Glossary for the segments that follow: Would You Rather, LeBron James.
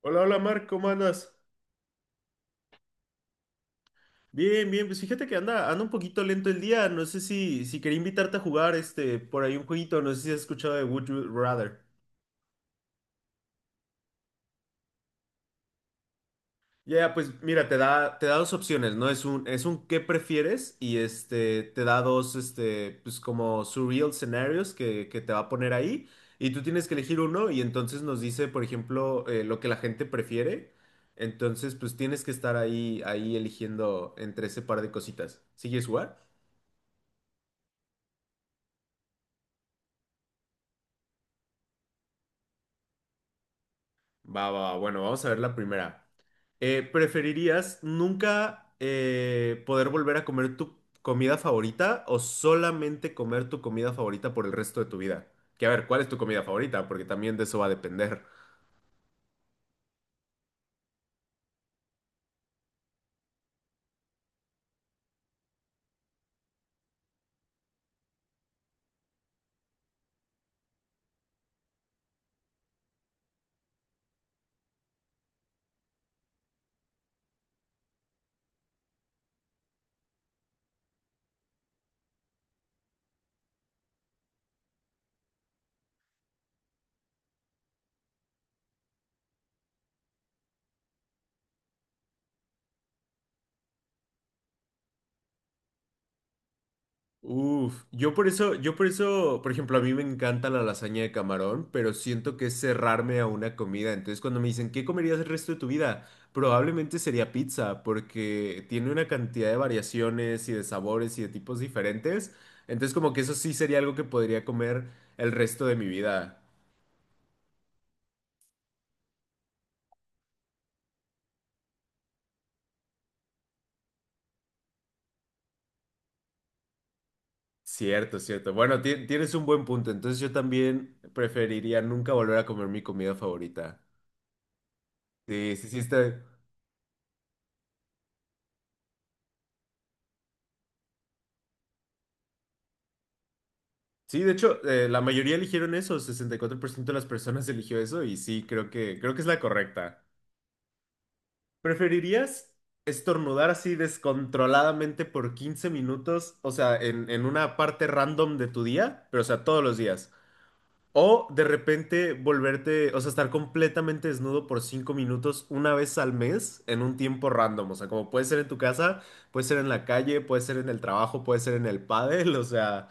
Hola, hola Marc, ¿cómo andas? Bien, bien, pues fíjate que anda un poquito lento el día. No sé si quería invitarte a jugar este por ahí un jueguito, no sé si has escuchado de Would You Rather. Ya, ya, pues mira, te da dos opciones, ¿no? Es un qué prefieres y este te da dos este, pues como surreal scenarios que te va a poner ahí. Y tú tienes que elegir uno, y entonces nos dice, por ejemplo, lo que la gente prefiere. Entonces, pues tienes que estar ahí eligiendo entre ese par de cositas. ¿Sigues jugar? Va, va, va. Bueno, vamos a ver la primera. ¿Preferirías nunca poder volver a comer tu comida favorita o solamente comer tu comida favorita por el resto de tu vida? Que a ver, ¿cuál es tu comida favorita? Porque también de eso va a depender. Uf, yo por eso, por ejemplo, a mí me encanta la lasaña de camarón, pero siento que es cerrarme a una comida. Entonces, cuando me dicen, ¿qué comerías el resto de tu vida? Probablemente sería pizza, porque tiene una cantidad de variaciones y de sabores y de tipos diferentes. Entonces, como que eso sí sería algo que podría comer el resto de mi vida. Cierto, cierto. Bueno, tienes un buen punto. Entonces, yo también preferiría nunca volver a comer mi comida favorita. Sí, sí, sí, está. Sí, de hecho, la mayoría eligieron eso, 64% de las personas eligió eso y sí, creo creo que es la correcta. ¿Preferirías estornudar así descontroladamente por 15 minutos, o sea, en una parte random de tu día, pero o sea, todos los días? O de repente volverte, o sea, estar completamente desnudo por 5 minutos una vez al mes en un tiempo random, o sea, como puede ser en tu casa, puede ser en la calle, puede ser en el trabajo, puede ser en el pádel, o sea...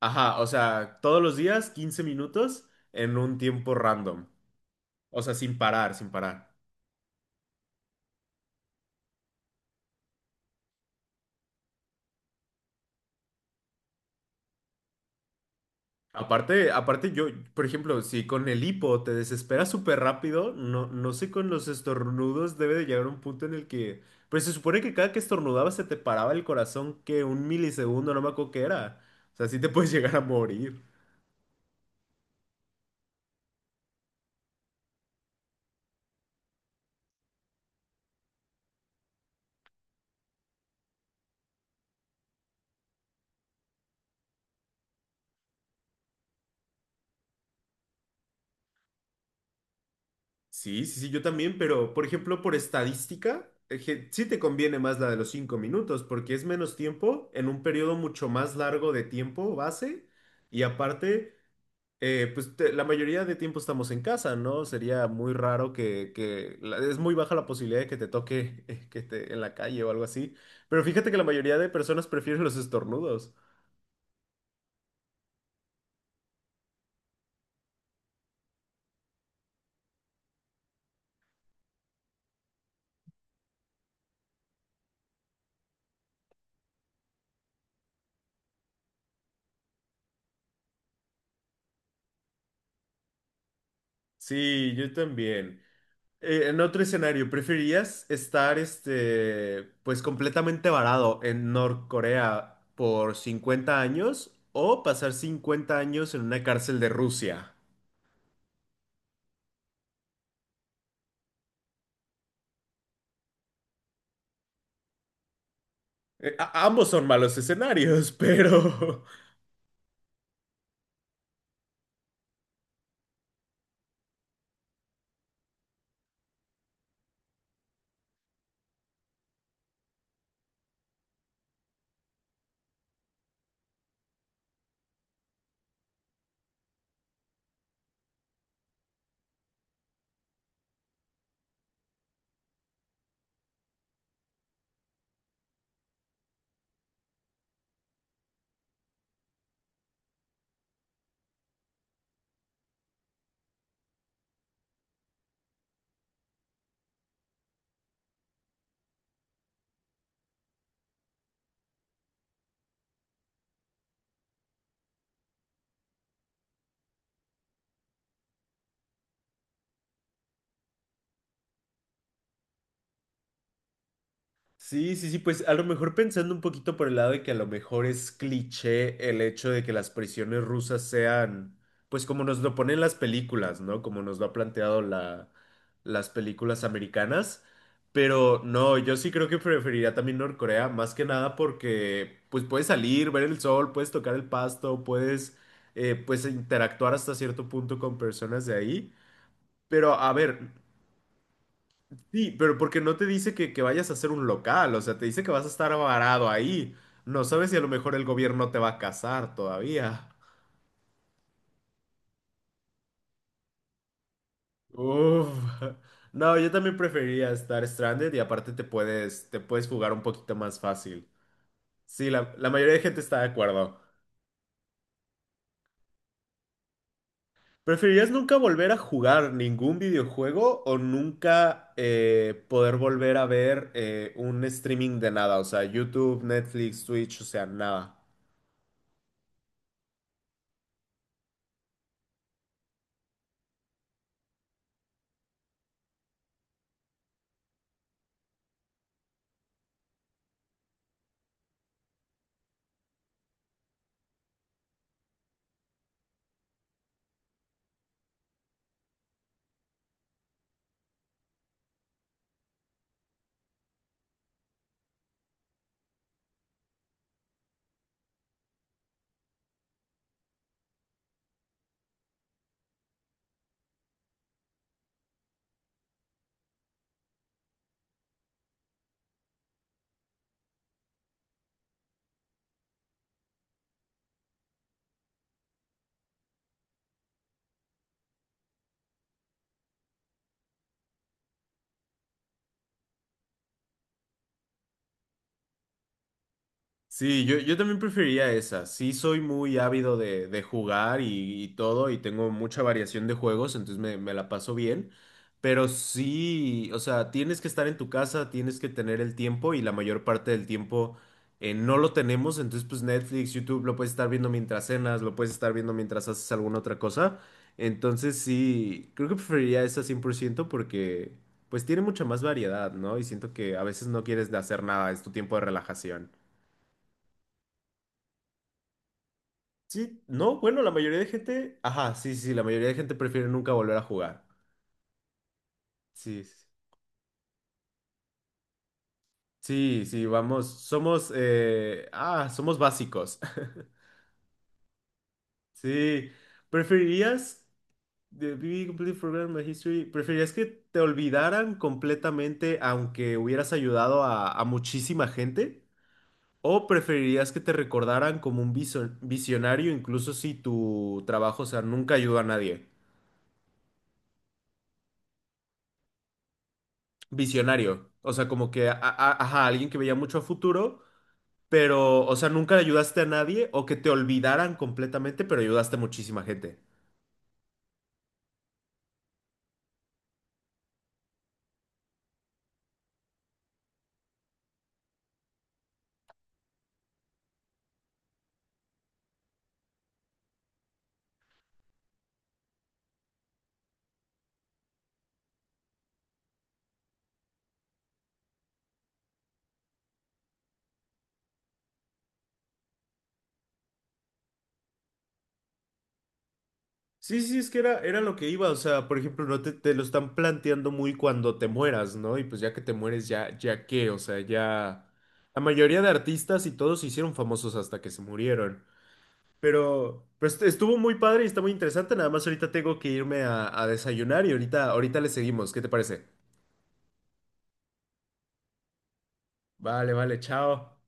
Ajá, o sea, todos los días 15 minutos en un tiempo random. O sea, sin parar, sin parar. Aparte yo, por ejemplo, si con el hipo te desesperas súper rápido, no sé, con los estornudos debe de llegar un punto en el que... Pues se supone que cada que estornudabas se te paraba el corazón que un milisegundo, no me acuerdo qué era. O sea, sí te puedes llegar a morir. Sí, sí, sí, yo también, pero por ejemplo, por estadística, sí te conviene más la de los 5 minutos, porque es menos tiempo en un periodo mucho más largo de tiempo base, y aparte, pues la mayoría de tiempo estamos en casa, ¿no? Sería muy raro que es muy baja la posibilidad de que te toque que te, en la calle o algo así, pero fíjate que la mayoría de personas prefieren los estornudos. Sí, yo también. En otro escenario, ¿preferirías estar, este, pues completamente varado en Norcorea por 50 años o pasar 50 años en una cárcel de Rusia? Ambos son malos escenarios, pero sí, sí, sí, pues a lo mejor pensando un poquito por el lado de que a lo mejor es cliché el hecho de que las prisiones rusas sean, pues como nos lo ponen las películas, ¿no? Como nos lo ha planteado las películas americanas. Pero no, yo sí creo que preferiría también Norcorea, más que nada porque pues puedes salir, ver el sol, puedes tocar el pasto, puedes pues interactuar hasta cierto punto con personas de ahí. Pero a ver, sí, pero porque no te dice que vayas a hacer un local, o sea, te dice que vas a estar varado ahí. No sabes si a lo mejor el gobierno te va a casar todavía. Uf. No, yo también preferiría estar stranded y aparte te puedes jugar un poquito más fácil. Sí, la mayoría de gente está de acuerdo. ¿Preferirías nunca volver a jugar ningún videojuego o nunca poder volver a ver un streaming de nada? O sea, YouTube, Netflix, Twitch, o sea, nada. Sí, yo también preferiría esa. Sí, soy muy ávido de jugar y todo, y tengo mucha variación de juegos, entonces me la paso bien. Pero sí, o sea, tienes que estar en tu casa, tienes que tener el tiempo, y la mayor parte del tiempo no lo tenemos. Entonces, pues Netflix, YouTube, lo puedes estar viendo mientras cenas, lo puedes estar viendo mientras haces alguna otra cosa. Entonces, sí, creo que preferiría esa 100% porque, pues, tiene mucha más variedad, ¿no? Y siento que a veces no quieres de hacer nada, es tu tiempo de relajación. Sí, no, bueno, la mayoría de gente, ajá, sí, sí, la mayoría de gente prefiere nunca volver a jugar. Sí, sí, sí, sí, vamos, somos, somos básicos. Sí, ¿preferirías, the BB completely forgotten my history, preferirías que te olvidaran completamente aunque hubieras ayudado a muchísima gente? ¿O preferirías que te recordaran como un visionario incluso si tu trabajo, o sea, nunca ayudó a nadie? Visionario. O sea, como que, ajá, alguien que veía mucho a futuro, pero, o sea, nunca le ayudaste a nadie o que te olvidaran completamente, pero ayudaste a muchísima gente. Sí, sí, es que era, era lo que iba. O sea, por ejemplo, no te, te lo están planteando muy cuando te mueras, ¿no? Y pues ya que te mueres, ya, ya qué, o sea, ya. La mayoría de artistas y todos se hicieron famosos hasta que se murieron. Pero estuvo muy padre y está muy interesante. Nada más ahorita tengo que irme a desayunar y ahorita le seguimos. ¿Qué te parece? Vale, vale, chao.